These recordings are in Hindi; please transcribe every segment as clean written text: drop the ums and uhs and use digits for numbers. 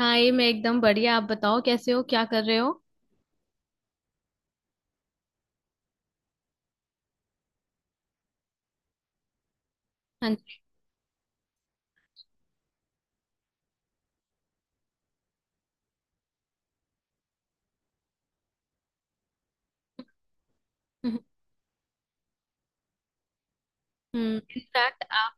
हाँ, ये मैं एकदम बढ़िया। आप बताओ, कैसे हो? क्या कर रहे हो? हाँ जी। इनफैक्ट आप।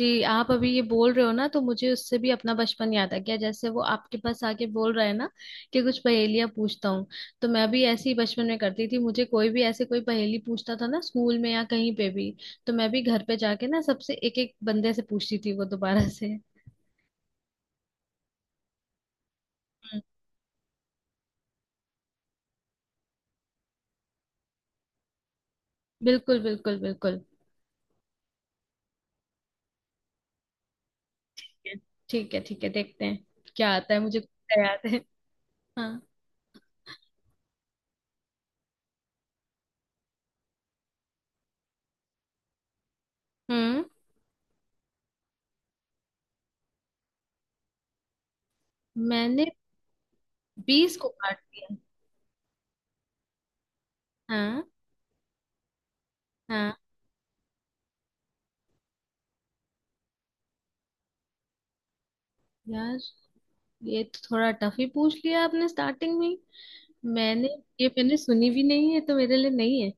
जी, आप अभी ये बोल रहे हो ना, तो मुझे उससे भी अपना बचपन याद आ गया। जैसे वो आपके पास आके बोल रहा है ना कि कुछ पहेलियां पूछता हूँ, तो मैं भी ऐसे ही बचपन में करती थी। मुझे कोई भी ऐसे कोई पहेली पूछता था ना स्कूल में या कहीं पे भी, तो मैं भी घर पे जाके ना सबसे एक एक बंदे से पूछती थी वो दोबारा से। हम्म, बिल्कुल बिल्कुल बिल्कुल। ठीक है ठीक है, देखते हैं क्या आता है मुझे, कुछ याद है। हाँ। हम्म मैंने बीस को काट दिया। हाँ। हाँ यार, ये तो थोड़ा टफ ही पूछ लिया आपने स्टार्टिंग में ही। मैंने ये, मैंने सुनी भी नहीं है, तो मेरे लिए नहीं है।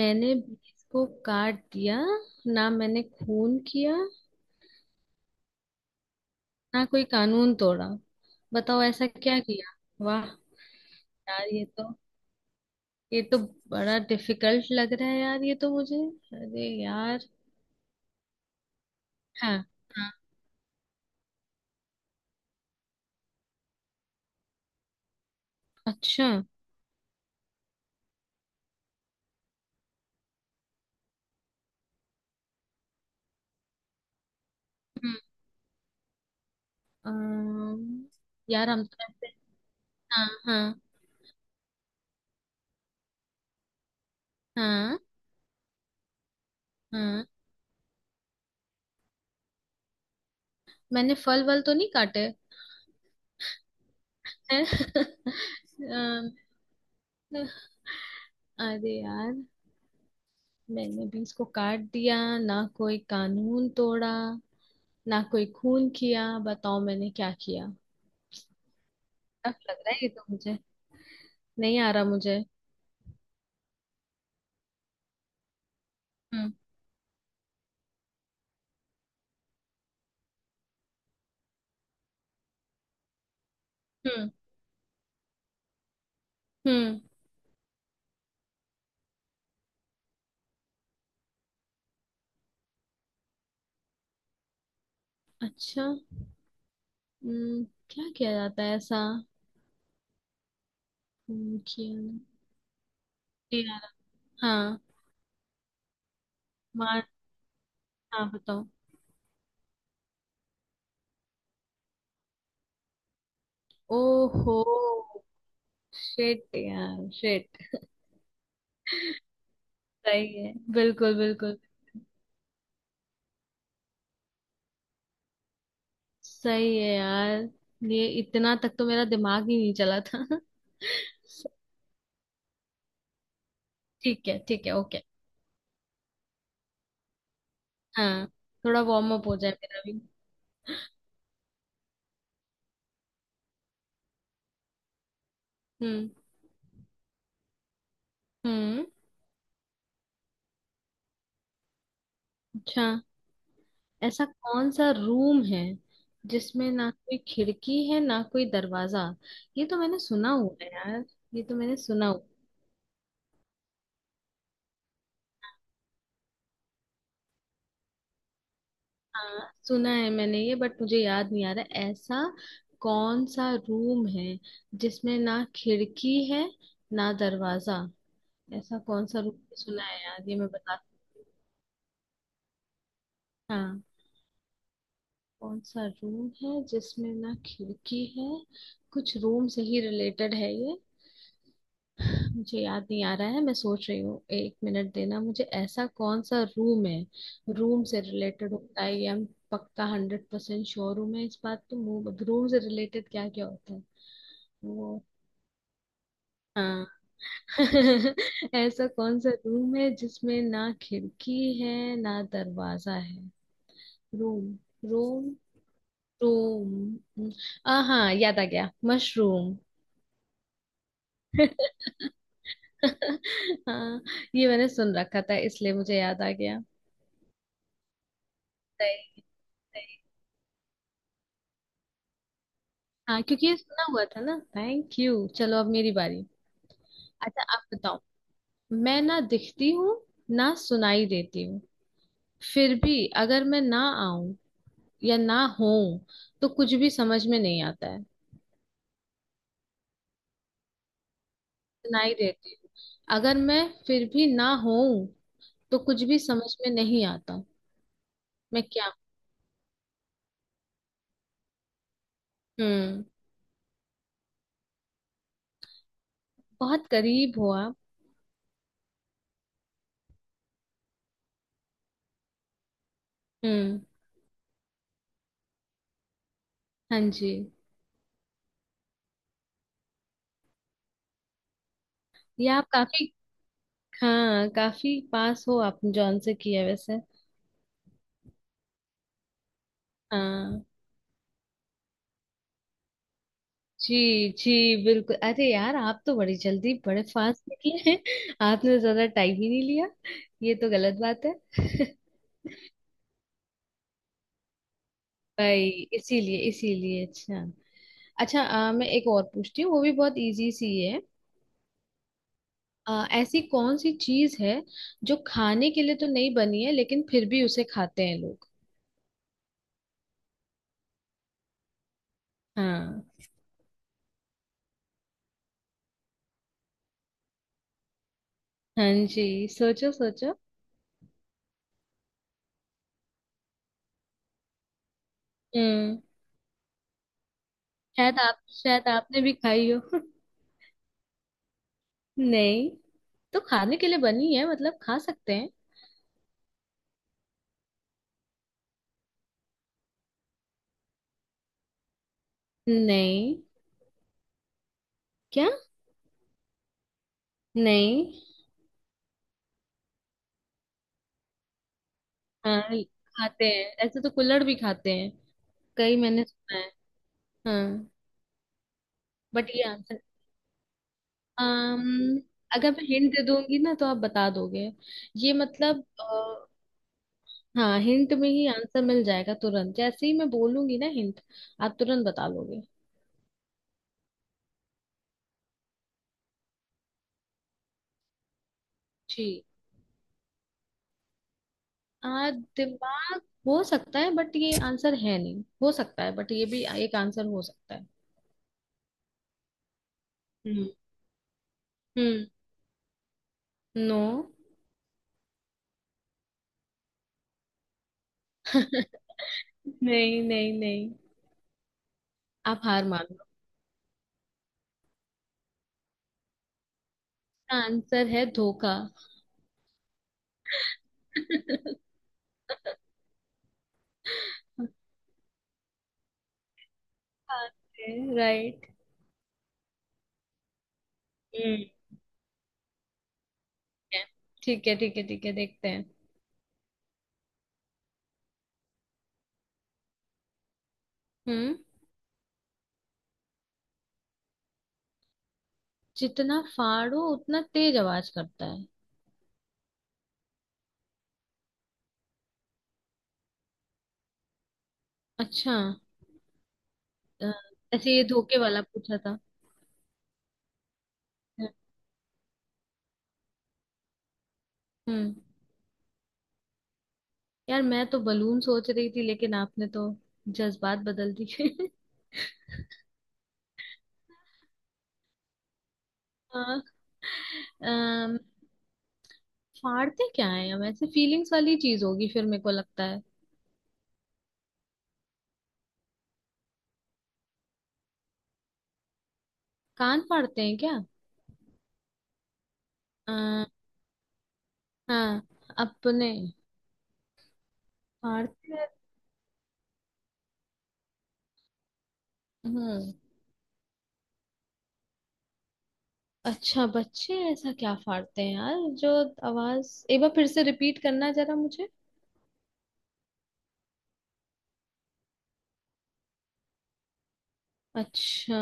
मैंने बीस को काट दिया, ना मैंने खून किया, ना कोई कानून तोड़ा। बताओ ऐसा क्या किया। वाह। यार ये तो बड़ा डिफिकल्ट लग रहा है। यार, ये तो मुझे... अरे यार। हाँ हाँ। अच्छा। हम्म, अम्म, यार, हम तो ऐसे... हाँ हाँ। हाँ हाँ। मैंने फल वल तो नहीं काटे। हैं? अम, अरे यार, मैंने भी इसको काट दिया, ना कोई कानून तोड़ा, ना कोई खून किया। बताओ मैंने क्या किया। टफ लग रहा है ये तो मुझे, नहीं आ रहा मुझे। हम्म हम्म हम्म। अच्छा। हम्म, क्या किया जाता है ऐसा? हम्म, किया ना- नहीं आ रहा। हाँ। मार। हाँ, बताओ। ओहो। शिट यार, शिट। सही है, बिल्कुल बिल्कुल। सही है यार, ये इतना तक तो मेरा दिमाग ही नहीं चला था। ठीक है ठीक है, ओके। हाँ, थोड़ा वार्म अप हो जाए मेरा भी। हम्म हम्म। अच्छा। ऐसा कौन सा रूम है जिसमें ना कोई खिड़की है, ना कोई दरवाजा? ये तो मैंने सुना हुआ है यार। ये तो मैंने सुना। हाँ, सुना है मैंने ये, बट मुझे याद नहीं आ रहा। ऐसा कौन सा रूम है जिसमें ना खिड़की है, ना दरवाजा? ऐसा कौन सा रूम सुना है यार, ये मैं बता... हाँ। कौन सा रूम है जिसमें ना खिड़की है? कुछ रूम से ही रिलेटेड है ये। मुझे याद नहीं आ रहा है, मैं सोच रही हूँ। एक मिनट देना मुझे। ऐसा कौन सा रूम है? रूम से रिलेटेड होता है ये हम। पक्का, हंड्रेड परसेंट श्योर हूँ मैं इस बात। तो रूम से रिलेटेड क्या क्या होता है? वो... हाँ। ऐसा कौन सा रूम है जिसमें ना खिड़की है, ना दरवाजा है? Room, room, room. आ, हाँ, याद आ गया! मशरूम। हाँ, ये मैंने सुन रखा था इसलिए मुझे याद आ गया। सही। सही। हाँ, क्योंकि ये सुना हुआ था ना। Thank you. चलो, अब मेरी बारी। अच्छा, आप बताओ। मैं ना दिखती हूँ, ना सुनाई देती हूँ। फिर भी अगर मैं ना आऊं या ना हो, तो कुछ भी समझ में नहीं आता है। सुनाई देती हूँ। अगर मैं फिर भी ना हो, तो कुछ भी समझ में नहीं आता। मैं क्या? हम्म बहुत करीब हो आप। हम्म। हाँ जी। ये आप काफी... हाँ, काफी पास हो आप। जॉन से किया वैसे। हाँ जी। जी, बिल्कुल। अरे यार, आप तो बड़ी जल्दी, बड़े फास्ट निकले हैं। आपने तो ज्यादा टाइम ही नहीं लिया। ये तो गलत बात है। भाई, इसीलिए इसीलिए। अच्छा। अच्छा, मैं एक और पूछती हूँ, वो भी बहुत इजी सी है। ऐसी कौन सी चीज है जो खाने के लिए तो नहीं बनी है, लेकिन फिर भी उसे खाते हैं लोग? हाँ। हाँ जी, सोचो सोचो। हम्म। शायद आप... शायद आपने भी खाई हो। नहीं, तो खाने के लिए बनी है मतलब, खा सकते हैं। नहीं। क्या? नहीं। हाँ, खाते हैं ऐसे तो कुल्हड़ भी खाते हैं कई, मैंने सुना है। हाँ। बट ये आंसर... um, अगर मैं हिंट दे दूंगी ना, तो आप बता दोगे। ये मतलब हाँ, हिंट में ही आंसर मिल जाएगा तुरंत। जैसे ही मैं बोलूंगी ना हिंट, आप तुरंत बता लोगे। जी। दिमाग हो सकता है, बट ये आंसर है नहीं। हो सकता है, बट ये भी एक आंसर हो सकता है। हम्म हम्म। नो। नहीं नहीं नहीं। आप हार मान लो। उसका आंसर है धोखा। राइट। ठीक है ठीक है ठीक है। ठीक है, देखते हैं। हम्म। जितना फाड़ो उतना तेज आवाज करता है। अच्छा। अ, ऐसे ये धोखे वाला पूछा था। हम्म। यार, मैं तो बलून सोच रही थी, लेकिन आपने तो जज्बात बदल दिए। हाँ। अम, फाड़ते क्या है हम? ऐसे फीलिंग्स वाली चीज होगी फिर, मेरे को लगता है। कान फाड़ते हैं क्या? अ, हाँ, अपने फाड़ते हैं। हम्म। अच्छा, बच्चे ऐसा क्या फाड़ते हैं यार जो? आवाज एक बार फिर से रिपीट करना जरा मुझे। अच्छा।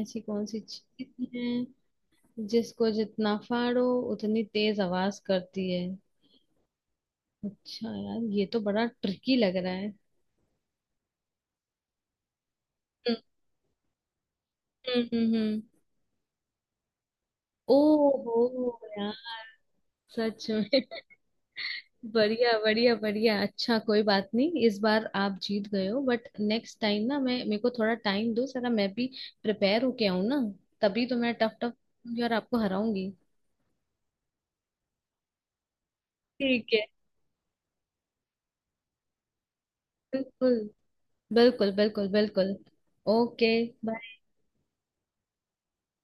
ऐसी कौन सी चीज है जिसको जितना फाड़ो उतनी तेज आवाज करती है? अच्छा यार, ये तो बड़ा ट्रिकी लग रहा है। हम्म हम्म। ओहो यार। सच में। बढ़िया बढ़िया बढ़िया। अच्छा कोई बात नहीं, इस बार आप जीत गए हो, बट नेक्स्ट टाइम ना, मैं... मेरे को थोड़ा टाइम दो जरा, मैं भी प्रिपेयर होके आऊँ ना, तभी तो मैं टफ टफ और आपको हराऊंगी। ठीक है। बिल्कुल बिल्कुल बिल्कुल बिल्कुल। Okay, bye.